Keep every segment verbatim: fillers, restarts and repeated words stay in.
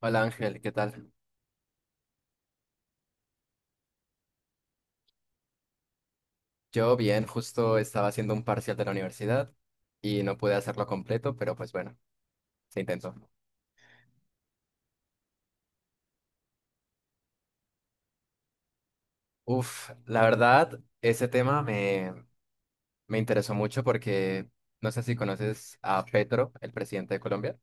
Hola Ángel, ¿qué tal? Yo bien, justo estaba haciendo un parcial de la universidad y no pude hacerlo completo, pero pues bueno, se intentó. Uf, la verdad, ese tema me, me interesó mucho porque no sé si conoces a Petro, el presidente de Colombia.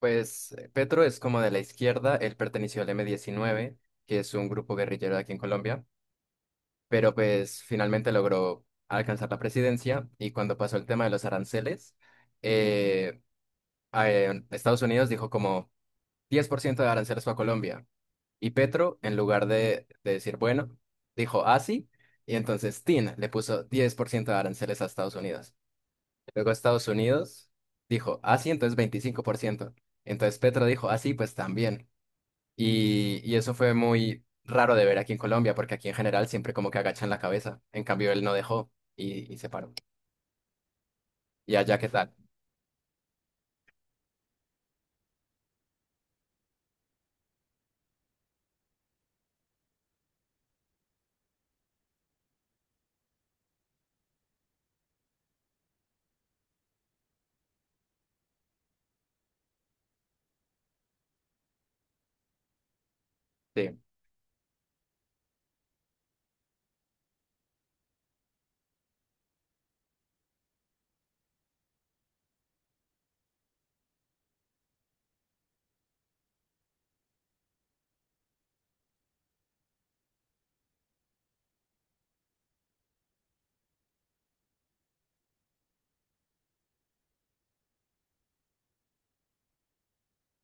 Pues eh, Petro es como de la izquierda, él perteneció al M diecinueve, que es un grupo guerrillero de aquí en Colombia, pero pues finalmente logró alcanzar la presidencia y cuando pasó el tema de los aranceles, eh, a- eh, Estados Unidos dijo como diez por ciento de aranceles fue a Colombia. Y Petro, en lugar de, de decir, bueno, dijo, ah, sí. Y entonces Tin le puso diez por ciento de aranceles a Estados Unidos. Luego Estados Unidos dijo, ah, sí, entonces veinticinco por ciento. Entonces Petro dijo, ah, sí, pues también. Y, y eso fue muy raro de ver aquí en Colombia, porque aquí en general siempre como que agachan la cabeza. En cambio, él no dejó y, y se paró. Y allá, ¿qué tal? Sí.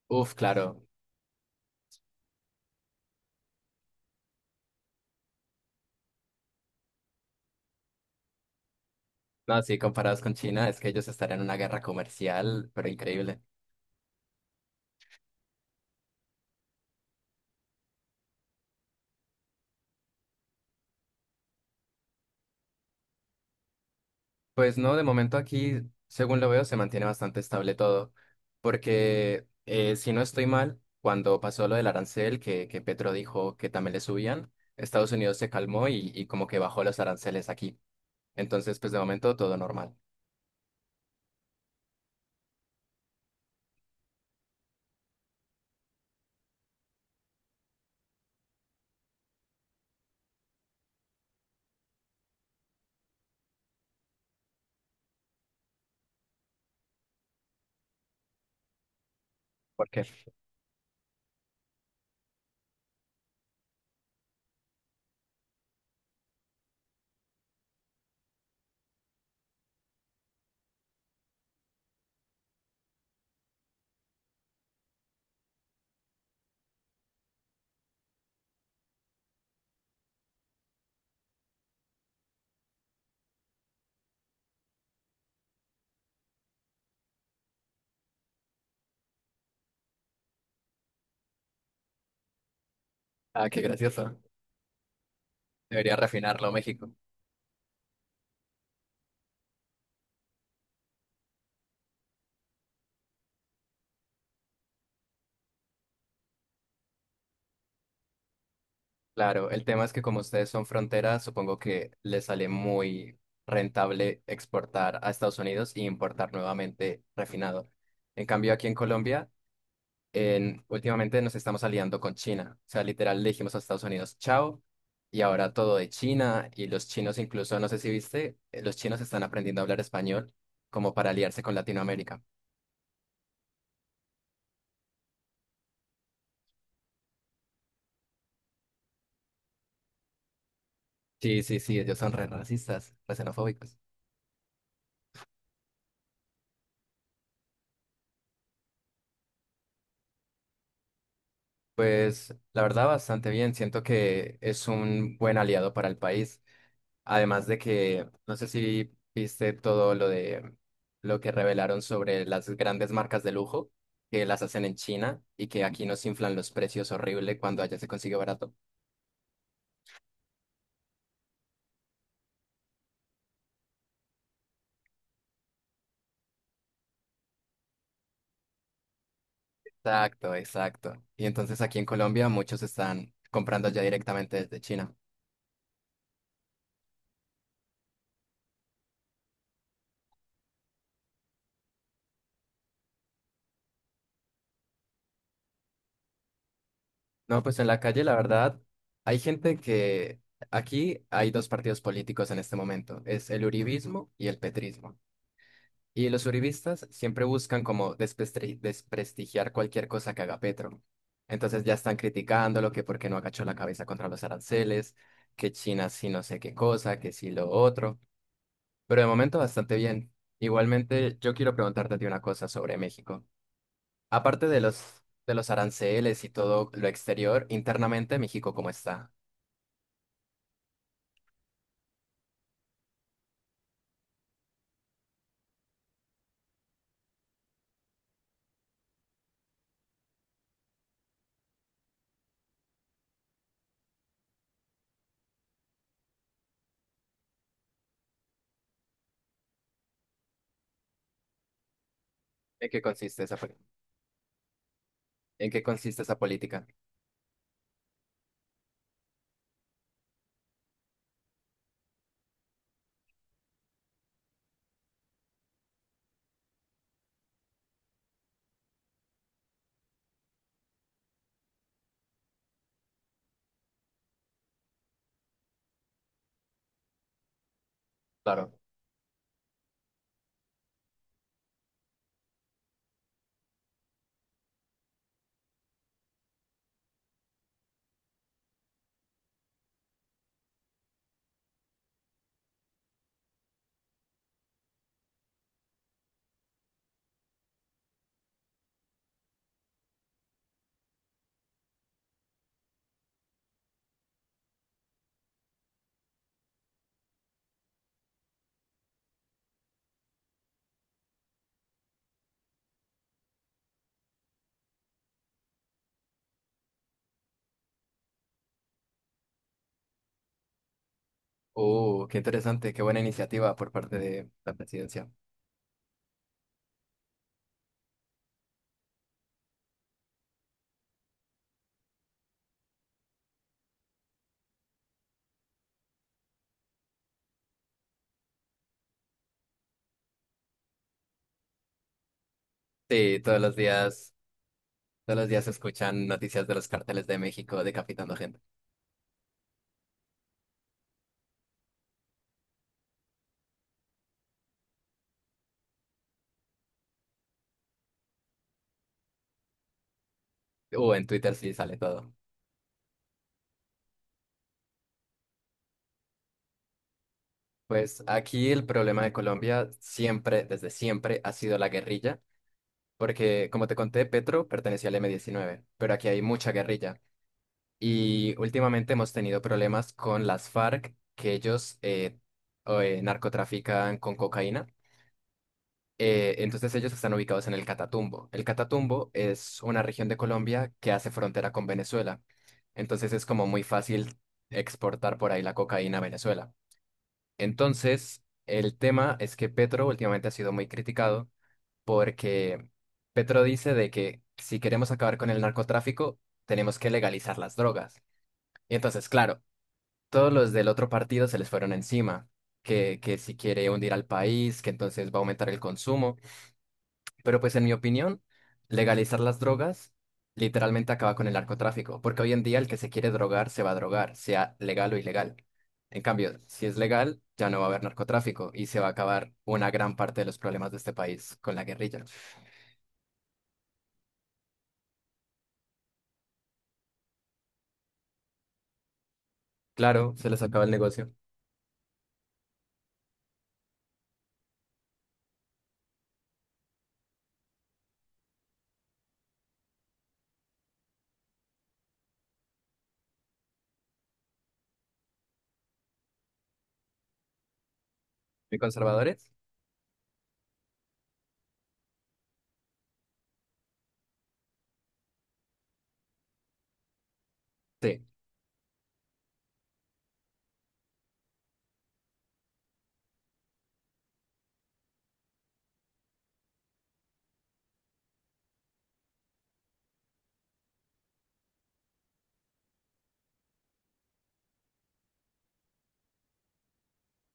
Uf, claro. No, sí, comparados con China, es que ellos estarían en una guerra comercial, pero increíble. Pues no, de momento aquí, según lo veo, se mantiene bastante estable todo, porque eh, si no estoy mal, cuando pasó lo del arancel, que, que Petro dijo que también le subían, Estados Unidos se calmó y, y como que bajó los aranceles aquí. Entonces, pues de momento todo normal. ¿Por qué? Ah, qué gracioso. Debería refinarlo México. Claro, el tema es que como ustedes son frontera, supongo que les sale muy rentable exportar a Estados Unidos y importar nuevamente refinado. En cambio, aquí en Colombia en- últimamente nos estamos aliando con China. O sea, literal le dijimos a Estados Unidos, chao, y ahora todo de China, y los chinos incluso, no sé si viste, eh, los chinos están aprendiendo a hablar español como para aliarse con Latinoamérica. Sí, sí, sí, ellos son re racistas, re xenofóbicos. Pues la verdad, bastante bien. Siento que es un buen aliado para el país. Además de que, no sé si viste todo lo de lo que revelaron sobre las grandes marcas de lujo que las hacen en China y que aquí nos inflan los precios horrible cuando allá se consigue barato. Exacto, exacto. Y entonces aquí en Colombia muchos están comprando allá directamente desde China. No, pues en la calle, la verdad, hay gente que aquí hay dos partidos políticos en este momento, es el uribismo y el petrismo. Y los uribistas siempre buscan como desprestre- desprestigiar cualquier cosa que haga Petro. Entonces ya están criticándolo, que por qué no agachó la cabeza contra los aranceles, que China sí no sé qué cosa, que sí lo otro. Pero de momento bastante bien. Igualmente, yo quiero preguntarte a ti una cosa sobre México. Aparte de los, de los aranceles y todo lo exterior, internamente México, ¿cómo está? ¿En qué consiste esa, pol- en qué consiste esa política? Claro. Uh, qué interesante, qué buena iniciativa por parte de la presidencia. Sí, todos los días, todos los días se escuchan noticias de los carteles de México decapitando gente. O en Twitter sí sale todo. Pues aquí el problema de Colombia siempre, desde siempre, ha sido la guerrilla, porque como te conté, Petro pertenecía al m diecinueve, pero aquí hay mucha guerrilla. Y últimamente hemos tenido problemas con las FARC, que ellos eh, o, eh, narcotrafican con cocaína. Eh, entonces ellos están ubicados en el Catatumbo. El Catatumbo es una región de Colombia que hace frontera con Venezuela. Entonces es como muy fácil exportar por ahí la cocaína a Venezuela. Entonces, el tema es que Petro últimamente ha sido muy criticado porque Petro dice de que si queremos acabar con el narcotráfico, tenemos que legalizar las drogas. Y entonces, claro, todos los del otro partido se les fueron encima, que, que si quiere hundir al país, que entonces va a aumentar el consumo. Pero pues en mi opinión, legalizar las drogas literalmente acaba con el narcotráfico, porque hoy en día el que se quiere drogar se va a drogar, sea legal o ilegal. En cambio, si es legal, ya no va a haber narcotráfico y se va a acabar una gran parte de los problemas de este país con la guerrilla. Claro, se les acaba el negocio. ¿Y conservadores? Sí,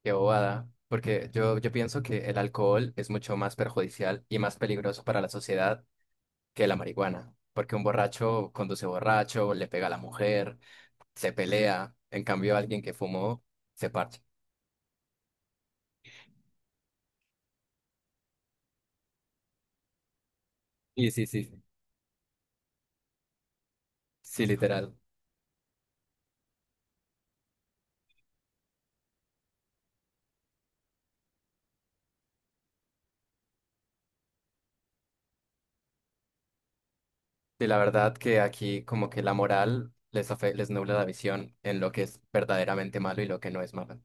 qué bobada. Porque yo, yo pienso que el alcohol es mucho más perjudicial y más peligroso para la sociedad que la marihuana. Porque un borracho conduce borracho, le pega a la mujer, se pelea. En cambio, alguien que fumó se parcha. Sí, sí, sí. Sí. Sí, literal. Y la verdad que aquí como que la moral les, afe- les nubla la visión en lo que es verdaderamente malo y lo que no es malo.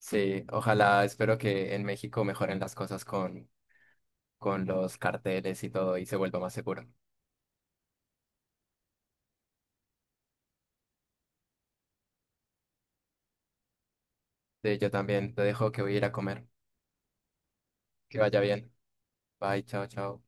Sí, ojalá, espero que en México mejoren las cosas con, con los carteles y todo y se vuelva más seguro. Sí, yo también te dejo que voy a ir a comer. Que vaya bien. Bye, chao, chao.